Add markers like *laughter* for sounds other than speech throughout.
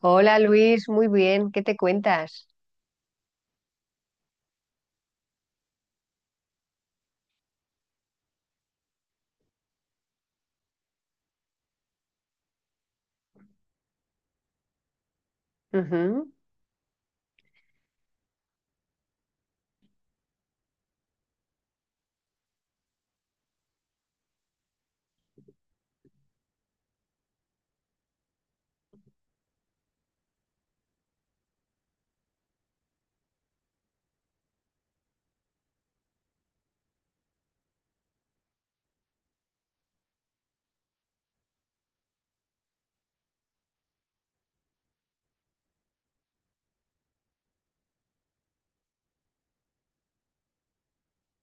Hola Luis, muy bien, ¿qué te cuentas? Ujú.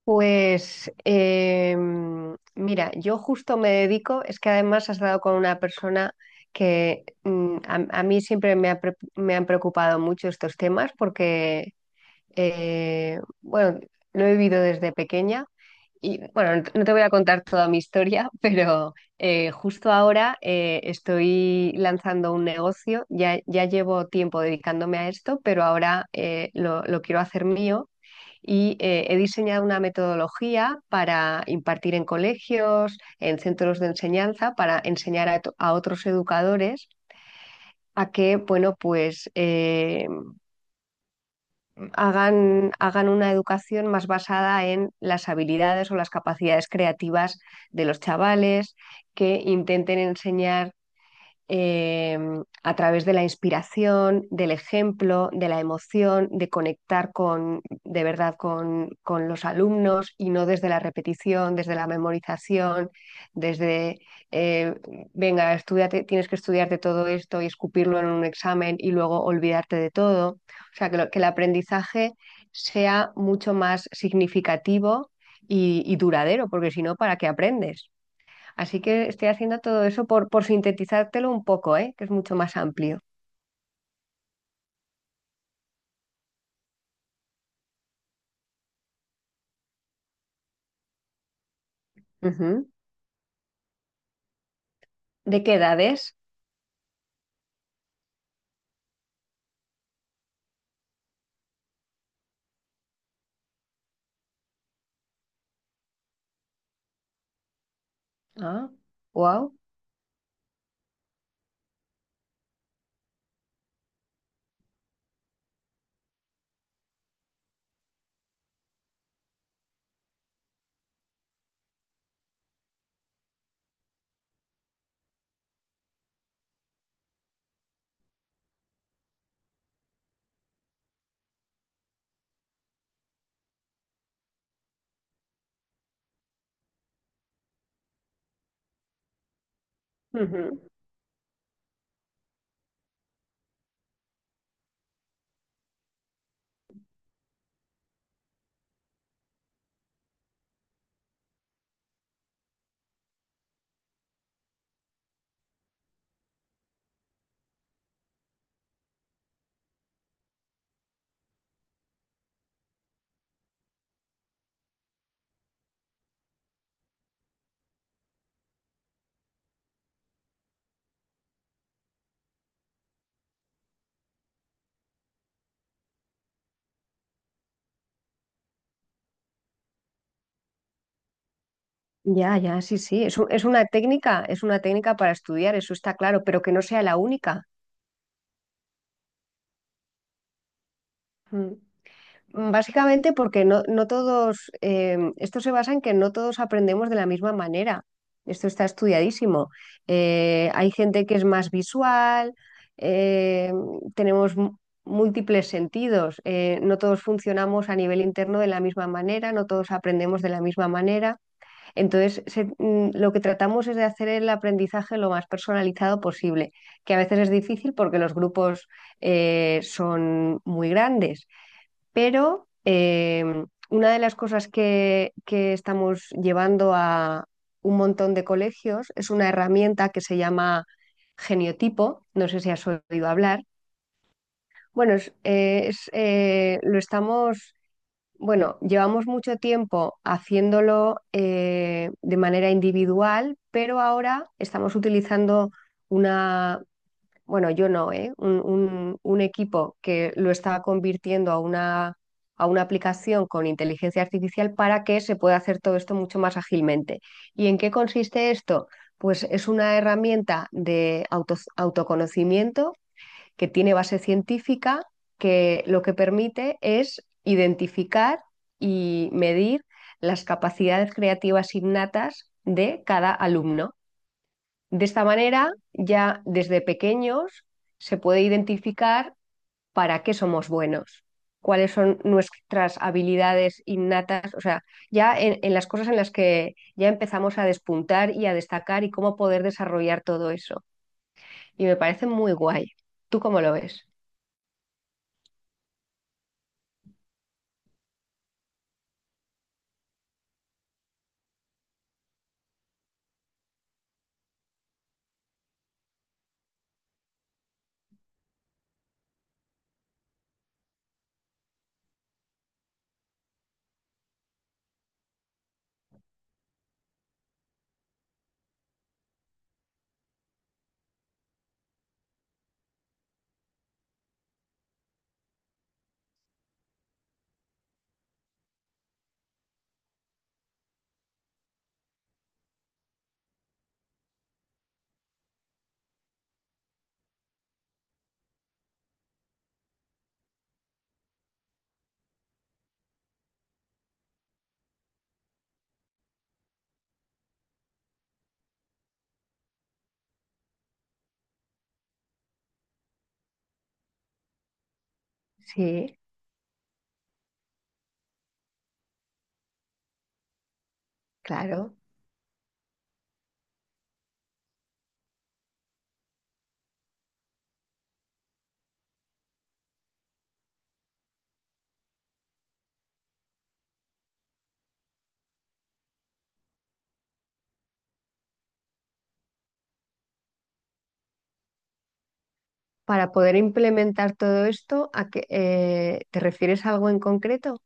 Pues mira, yo justo me dedico, es que además has dado con una persona que a mí siempre me, me han preocupado mucho estos temas porque, bueno, lo he vivido desde pequeña. Y bueno, no te voy a contar toda mi historia, *laughs* pero justo ahora estoy lanzando un negocio. Ya llevo tiempo dedicándome a esto, pero ahora lo quiero hacer mío y he diseñado una metodología para impartir en colegios, en centros de enseñanza, para enseñar a otros educadores a que, bueno, pues hagan una educación más basada en las habilidades o las capacidades creativas de los chavales, que intenten enseñar eh, a través de la inspiración, del ejemplo, de la emoción, de conectar con, de verdad con los alumnos y no desde la repetición, desde la memorización, desde, eh, venga, estudiate, tienes que estudiarte todo esto y escupirlo en un examen y luego olvidarte de todo. O sea, que el aprendizaje sea mucho más significativo y duradero, porque si no, ¿para qué aprendes? Así que estoy haciendo todo eso por sintetizártelo un poco, ¿eh? Que es mucho más amplio. Ujú. ¿De qué edades? Ah, wow. Ujú. Ya, ya, sí, sí. Es una técnica, es una técnica para estudiar, eso está claro, pero que no sea la única. Mm. Básicamente porque no, no todos, esto se basa en que no todos aprendemos de la misma manera. Esto está estudiadísimo. Hay gente que es más visual, eh, tenemos mu- múltiples sentidos, no todos funcionamos a nivel interno de la misma manera, no todos aprendemos de la misma manera. Entonces, lo que tratamos es de hacer el aprendizaje lo más personalizado posible, que a veces es difícil porque los grupos son muy grandes, pero una de las cosas que estamos llevando a un montón de colegios es una herramienta que se llama geniotipo, no sé si has oído hablar. Bueno, lo estamos, bueno, llevamos mucho tiempo haciéndolo de manera individual, pero ahora estamos utilizando una, bueno, yo no, ¿eh? Un equipo que lo está convirtiendo a una aplicación con inteligencia artificial para que se pueda hacer todo esto mucho más ágilmente. ¿Y en qué consiste esto? Pues es una herramienta de autoconocimiento que tiene base científica, que lo que permite es identificar y medir las capacidades creativas innatas de cada alumno. De esta manera, ya desde pequeños se puede identificar para qué somos buenos, cuáles son nuestras habilidades innatas, o sea, ya en las cosas en las que ya empezamos a despuntar y a destacar y cómo poder desarrollar todo eso. Y me parece muy guay. ¿Tú cómo lo ves? Sí, claro. Para poder implementar todo esto, ¿a qué, te refieres a algo en concreto?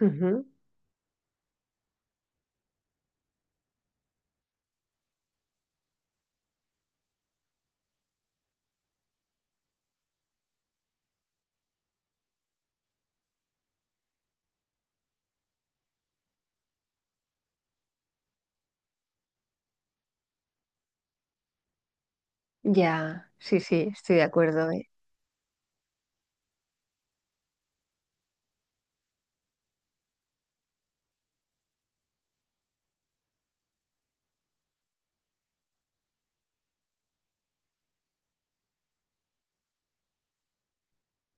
Ujú. Ya, sí, sí, estoy de acuerdo, ¿eh?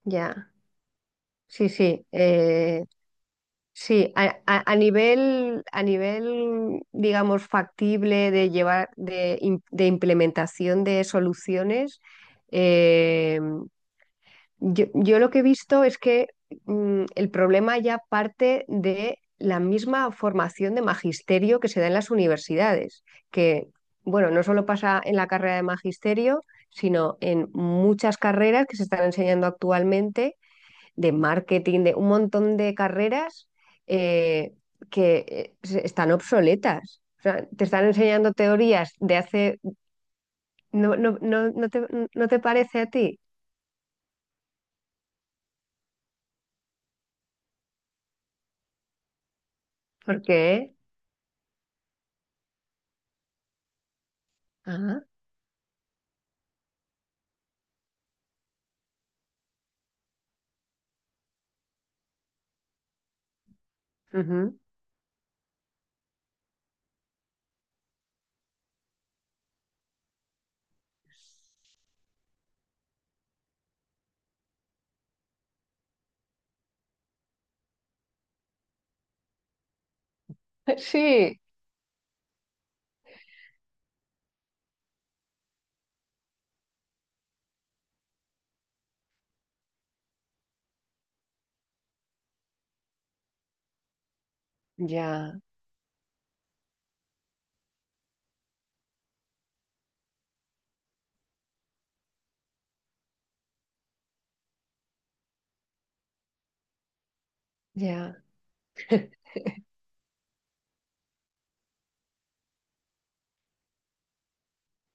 Ya. Sí, sí, sí, a nivel, digamos, factible de llevar, de implementación de soluciones, eh, yo, yo lo que he visto es que el problema ya parte de la misma formación de magisterio que se da en las universidades, que, bueno, no solo pasa en la carrera de magisterio, sino en muchas carreras que se están enseñando actualmente de marketing, de un montón de carreras eh, que están obsoletas. O sea, te están enseñando teorías de hace... No, no, no, no te, no te parece a ti. ¿Por qué? Ah, ujú. *laughs* Sí, ya, ya.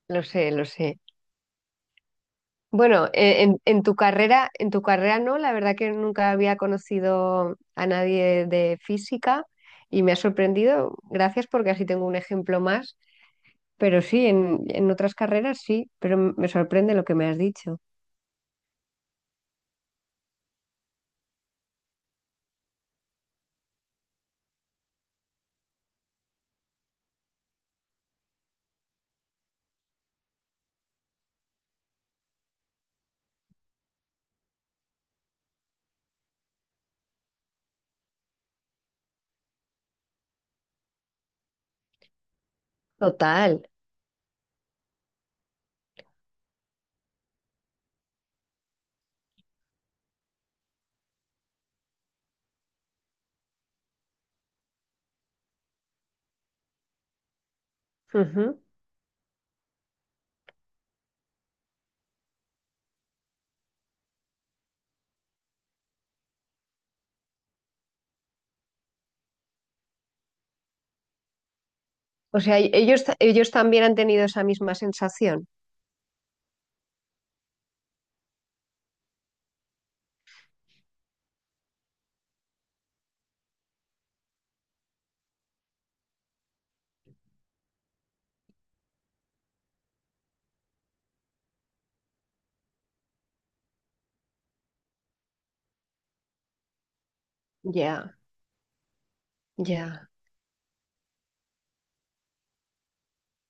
Lo sé, lo sé. Bueno, en tu carrera no, la verdad que nunca había conocido a nadie de física y me ha sorprendido. Gracias porque así tengo un ejemplo más. Pero sí, en otras carreras sí, pero me sorprende lo que me has dicho. Total. Ujú. O sea, ellos, ellos también han tenido esa misma sensación. Ya, ya,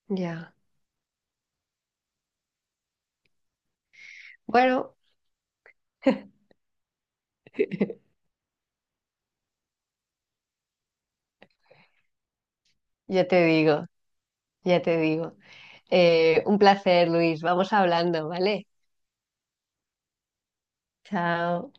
ya. Bueno, *laughs* ya te digo, ya te digo. Un placer, Luis. Vamos hablando, ¿vale? Chao.